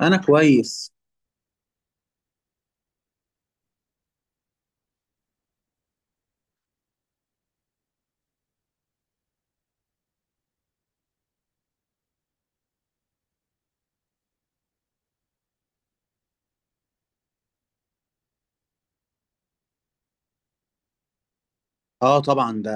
انا كويس. اه طبعا ده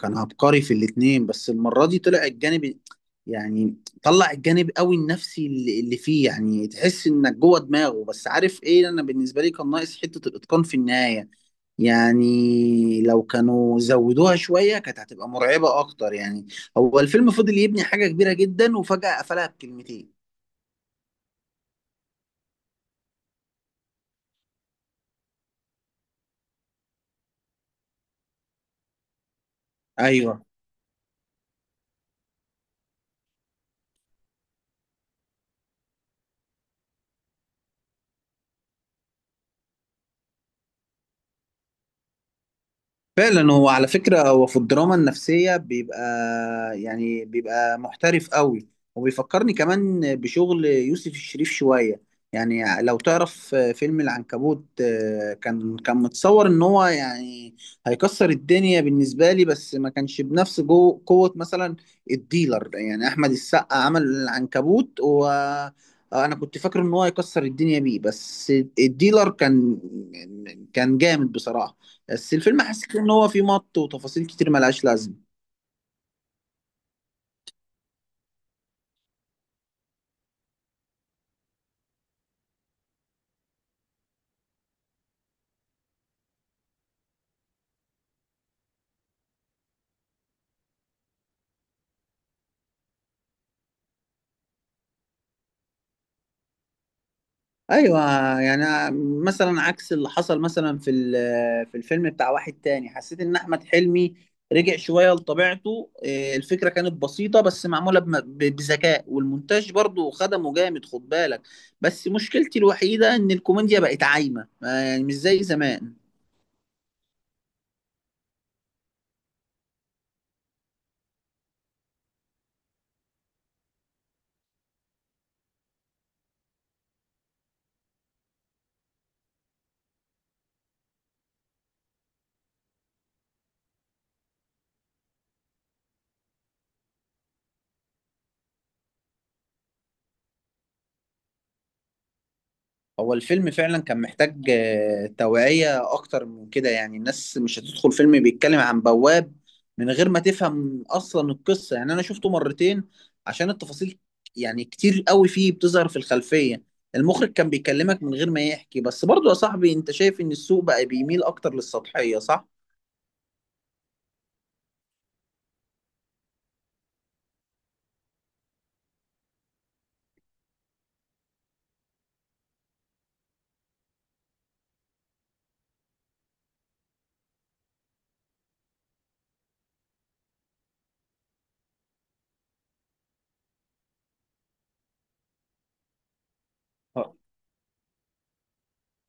كان عبقري في الاتنين، بس المره دي طلع الجانب، يعني طلع الجانب قوي النفسي اللي فيه، يعني تحس انك جوه دماغه. بس عارف ايه، انا بالنسبه لي كان ناقص حته الاتقان في النهايه، يعني لو كانوا زودوها شويه كانت هتبقى مرعبه اكتر. يعني هو الفيلم فضل يبني حاجه كبيره جدا، وفجاه قفلها بكلمتين. ايوه، فعلا هو على فكرة هو في الدراما النفسية بيبقى، يعني بيبقى محترف قوي. وبيفكرني كمان بشغل يوسف الشريف شوية، يعني لو تعرف فيلم العنكبوت. كان متصور ان هو، يعني هيكسر الدنيا بالنسبة لي، بس ما كانش بنفس جو قوة مثلا الديلر. يعني احمد السقا عمل العنكبوت، و انا كنت فاكر ان هو هيكسر الدنيا بيه، بس الديلر كان، كان جامد بصراحة. بس الفيلم حسيت ان هو فيه مط وتفاصيل كتير ملهاش لازمه. ايوه، يعني مثلا عكس اللي حصل مثلا في ال- آه، في الفيلم بتاع واحد تاني، حسيت ان احمد حلمي رجع شويه لطبيعته. إيه، الفكره كانت بسيطه بس معموله بذكاء، والمونتاج برضو خدمه جامد خد بالك. بس مشكلتي الوحيده ان الكوميديا بقت عايمه، يعني مش زي زمان. هو الفيلم فعلا كان محتاج توعية أكتر من كده، يعني الناس مش هتدخل فيلم بيتكلم عن بواب من غير ما تفهم أصلا القصة. يعني أنا شفته مرتين عشان التفاصيل، يعني كتير قوي فيه بتظهر في الخلفية. المخرج كان بيكلمك من غير ما يحكي. بس برضو يا صاحبي، أنت شايف إن السوق بقى بيميل أكتر للسطحية صح؟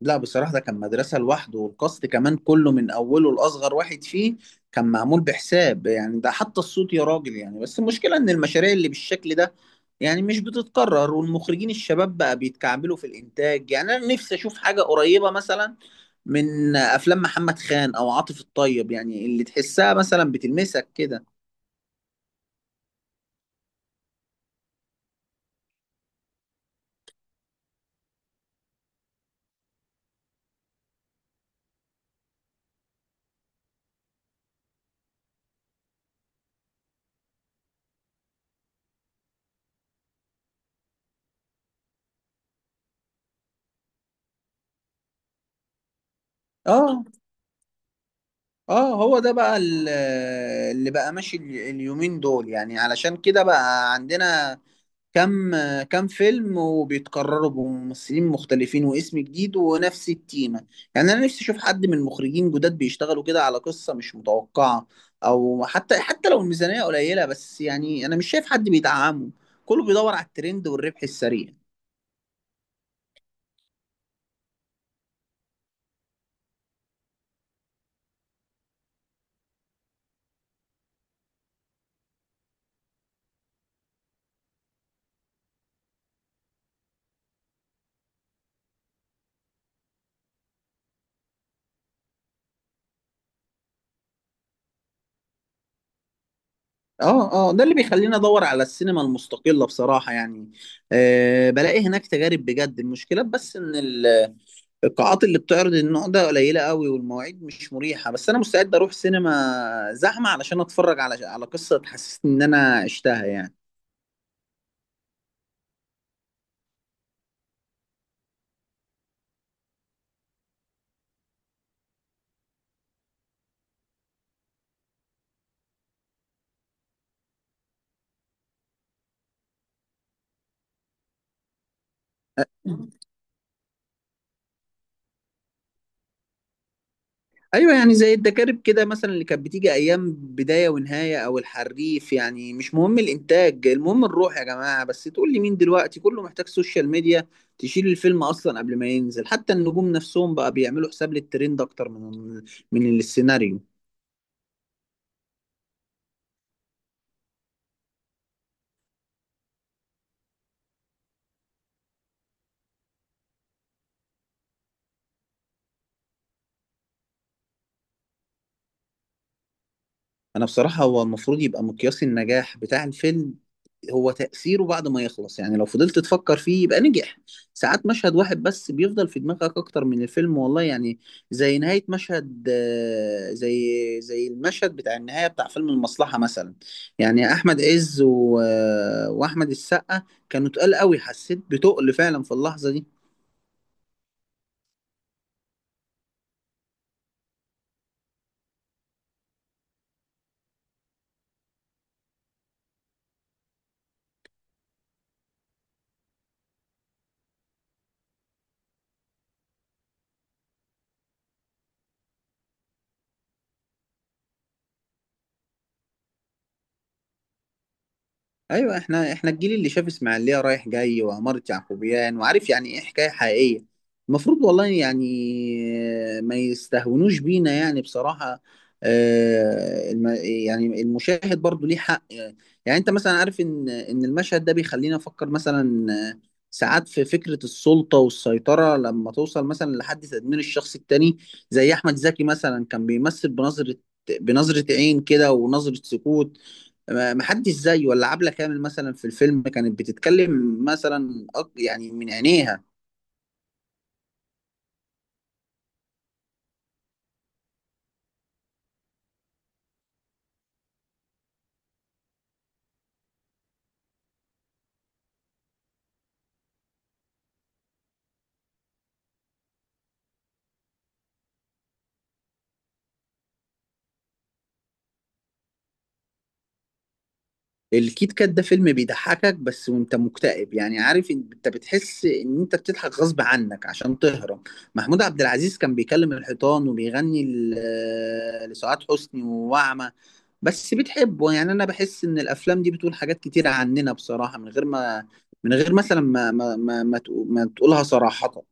لا بصراحة ده كان مدرسة لوحده، والكاست كمان كله من أوله لأصغر واحد فيه كان معمول بحساب. يعني ده حتى الصوت يا راجل، يعني بس المشكلة إن المشاريع اللي بالشكل ده يعني مش بتتكرر، والمخرجين الشباب بقى بيتكعبلوا في الإنتاج. يعني أنا نفسي أشوف حاجة قريبة مثلا من أفلام محمد خان أو عاطف الطيب، يعني اللي تحسها مثلا بتلمسك كده. اه اه هو ده بقى اللي بقى ماشي اليومين دول، يعني علشان كده بقى عندنا كم كم فيلم، وبيتكرروا بممثلين مختلفين واسم جديد ونفس التيمة. يعني أنا نفسي أشوف حد من المخرجين جداد بيشتغلوا كده على قصة مش متوقعة، أو حتى لو الميزانية قليلة، بس يعني أنا مش شايف حد بيدعمه، كله بيدور على الترند والربح السريع. اه ده اللي بيخليني ادور على السينما المستقلة بصراحة. يعني أه بلاقي هناك تجارب بجد. المشكلة بس ان القاعات اللي بتعرض النوع ده قليلة قوي، والمواعيد مش مريحة. بس أنا مستعد أروح سينما زحمة علشان أتفرج على قصة تحسسني إن أنا عشتها. يعني أيوة، يعني زي الدكاترة كده مثلا، اللي كانت بتيجي أيام بداية ونهاية أو الحريف، يعني مش مهم الإنتاج، المهم الروح يا جماعة. بس تقول لي مين دلوقتي، كله محتاج سوشيال ميديا تشيل الفيلم أصلا قبل ما ينزل. حتى النجوم نفسهم بقى بيعملوا حساب للترند أكتر من السيناريو. انا بصراحة هو المفروض يبقى مقياس النجاح بتاع الفيلم هو تأثيره بعد ما يخلص، يعني لو فضلت تفكر فيه يبقى نجح. ساعات مشهد واحد بس بيفضل في دماغك اكتر من الفيلم والله يعني. زي نهاية مشهد زي المشهد بتاع النهاية بتاع فيلم المصلحة مثلا، يعني احمد عز و... آه، واحمد السقا، كانوا تقال قوي، حسيت بتقل فعلا في اللحظة دي. ايوه، احنا الجيل اللي شاف اسماعيليه رايح جاي وعماره يعقوبيان، وعارف يعني ايه حكايه حقيقيه. المفروض والله يعني ما يستهونوش بينا يعني بصراحه. يعني المشاهد برضو ليه حق. يعني انت مثلا عارف ان المشهد ده بيخلينا نفكر مثلا، ساعات في فكره السلطه والسيطره لما توصل مثلا لحد تدمير الشخص التاني. زي احمد زكي مثلا كان بيمثل بنظره عين كده ونظره سكوت، ما حدش زيه. ولا عبلة كامل مثلا في الفيلم كانت بتتكلم مثلا يعني من عينيها. الكيت كات ده فيلم بيضحكك بس وانت مكتئب، يعني عارف انت بتحس ان انت بتضحك غصب عنك عشان تهرب. محمود عبد العزيز كان بيكلم الحيطان وبيغني لسعاد حسني ووعمة، بس بتحبه. يعني انا بحس ان الافلام دي بتقول حاجات كتير عننا بصراحة، من غير ما، من غير مثلا ما تقولها صراحة.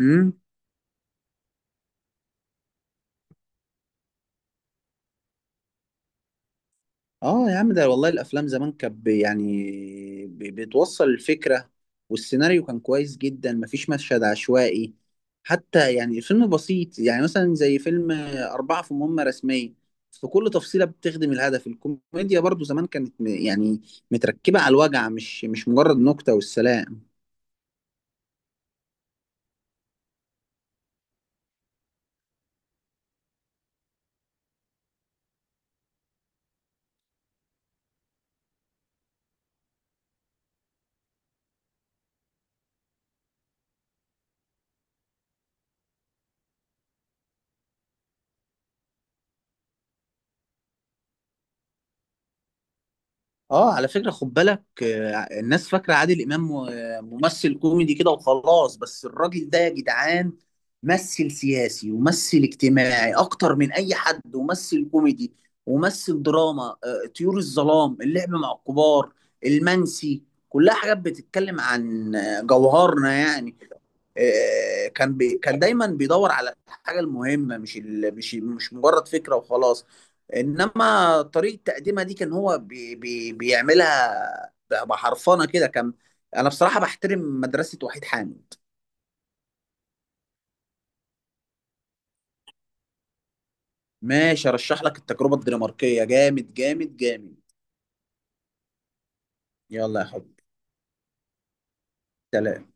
امم اه يا عم، ده والله الافلام زمان كانت يعني بتوصل الفكره، والسيناريو كان كويس جدا، مفيش مشهد عشوائي. حتى يعني الفيلم بسيط، يعني مثلا زي فيلم أربعة في مهمة رسمية، في كل تفصيلة بتخدم الهدف. الكوميديا برضو زمان كانت يعني متركبة على الوجع، مش مجرد نكتة والسلام. اه على فكرة خد بالك، الناس فاكرة عادل إمام ممثل كوميدي كده وخلاص، بس الراجل ده يا جدعان ممثل سياسي وممثل اجتماعي أكتر من أي حد، وممثل كوميدي وممثل دراما. طيور الظلام، اللعب مع الكبار، المنسي، كلها حاجات بتتكلم عن جوهرنا. يعني كان بي كان دايما بيدور على الحاجة المهمة، مش مش مجرد فكرة وخلاص. انما طريقه تقديمها دي كان هو بي بي بيعملها بحرفنه كده كان. انا بصراحه بحترم مدرسه وحيد حامد. ماشي ارشح لك التجربه الدنماركيه، جامد جامد جامد. يلا يا حبيبي. سلام.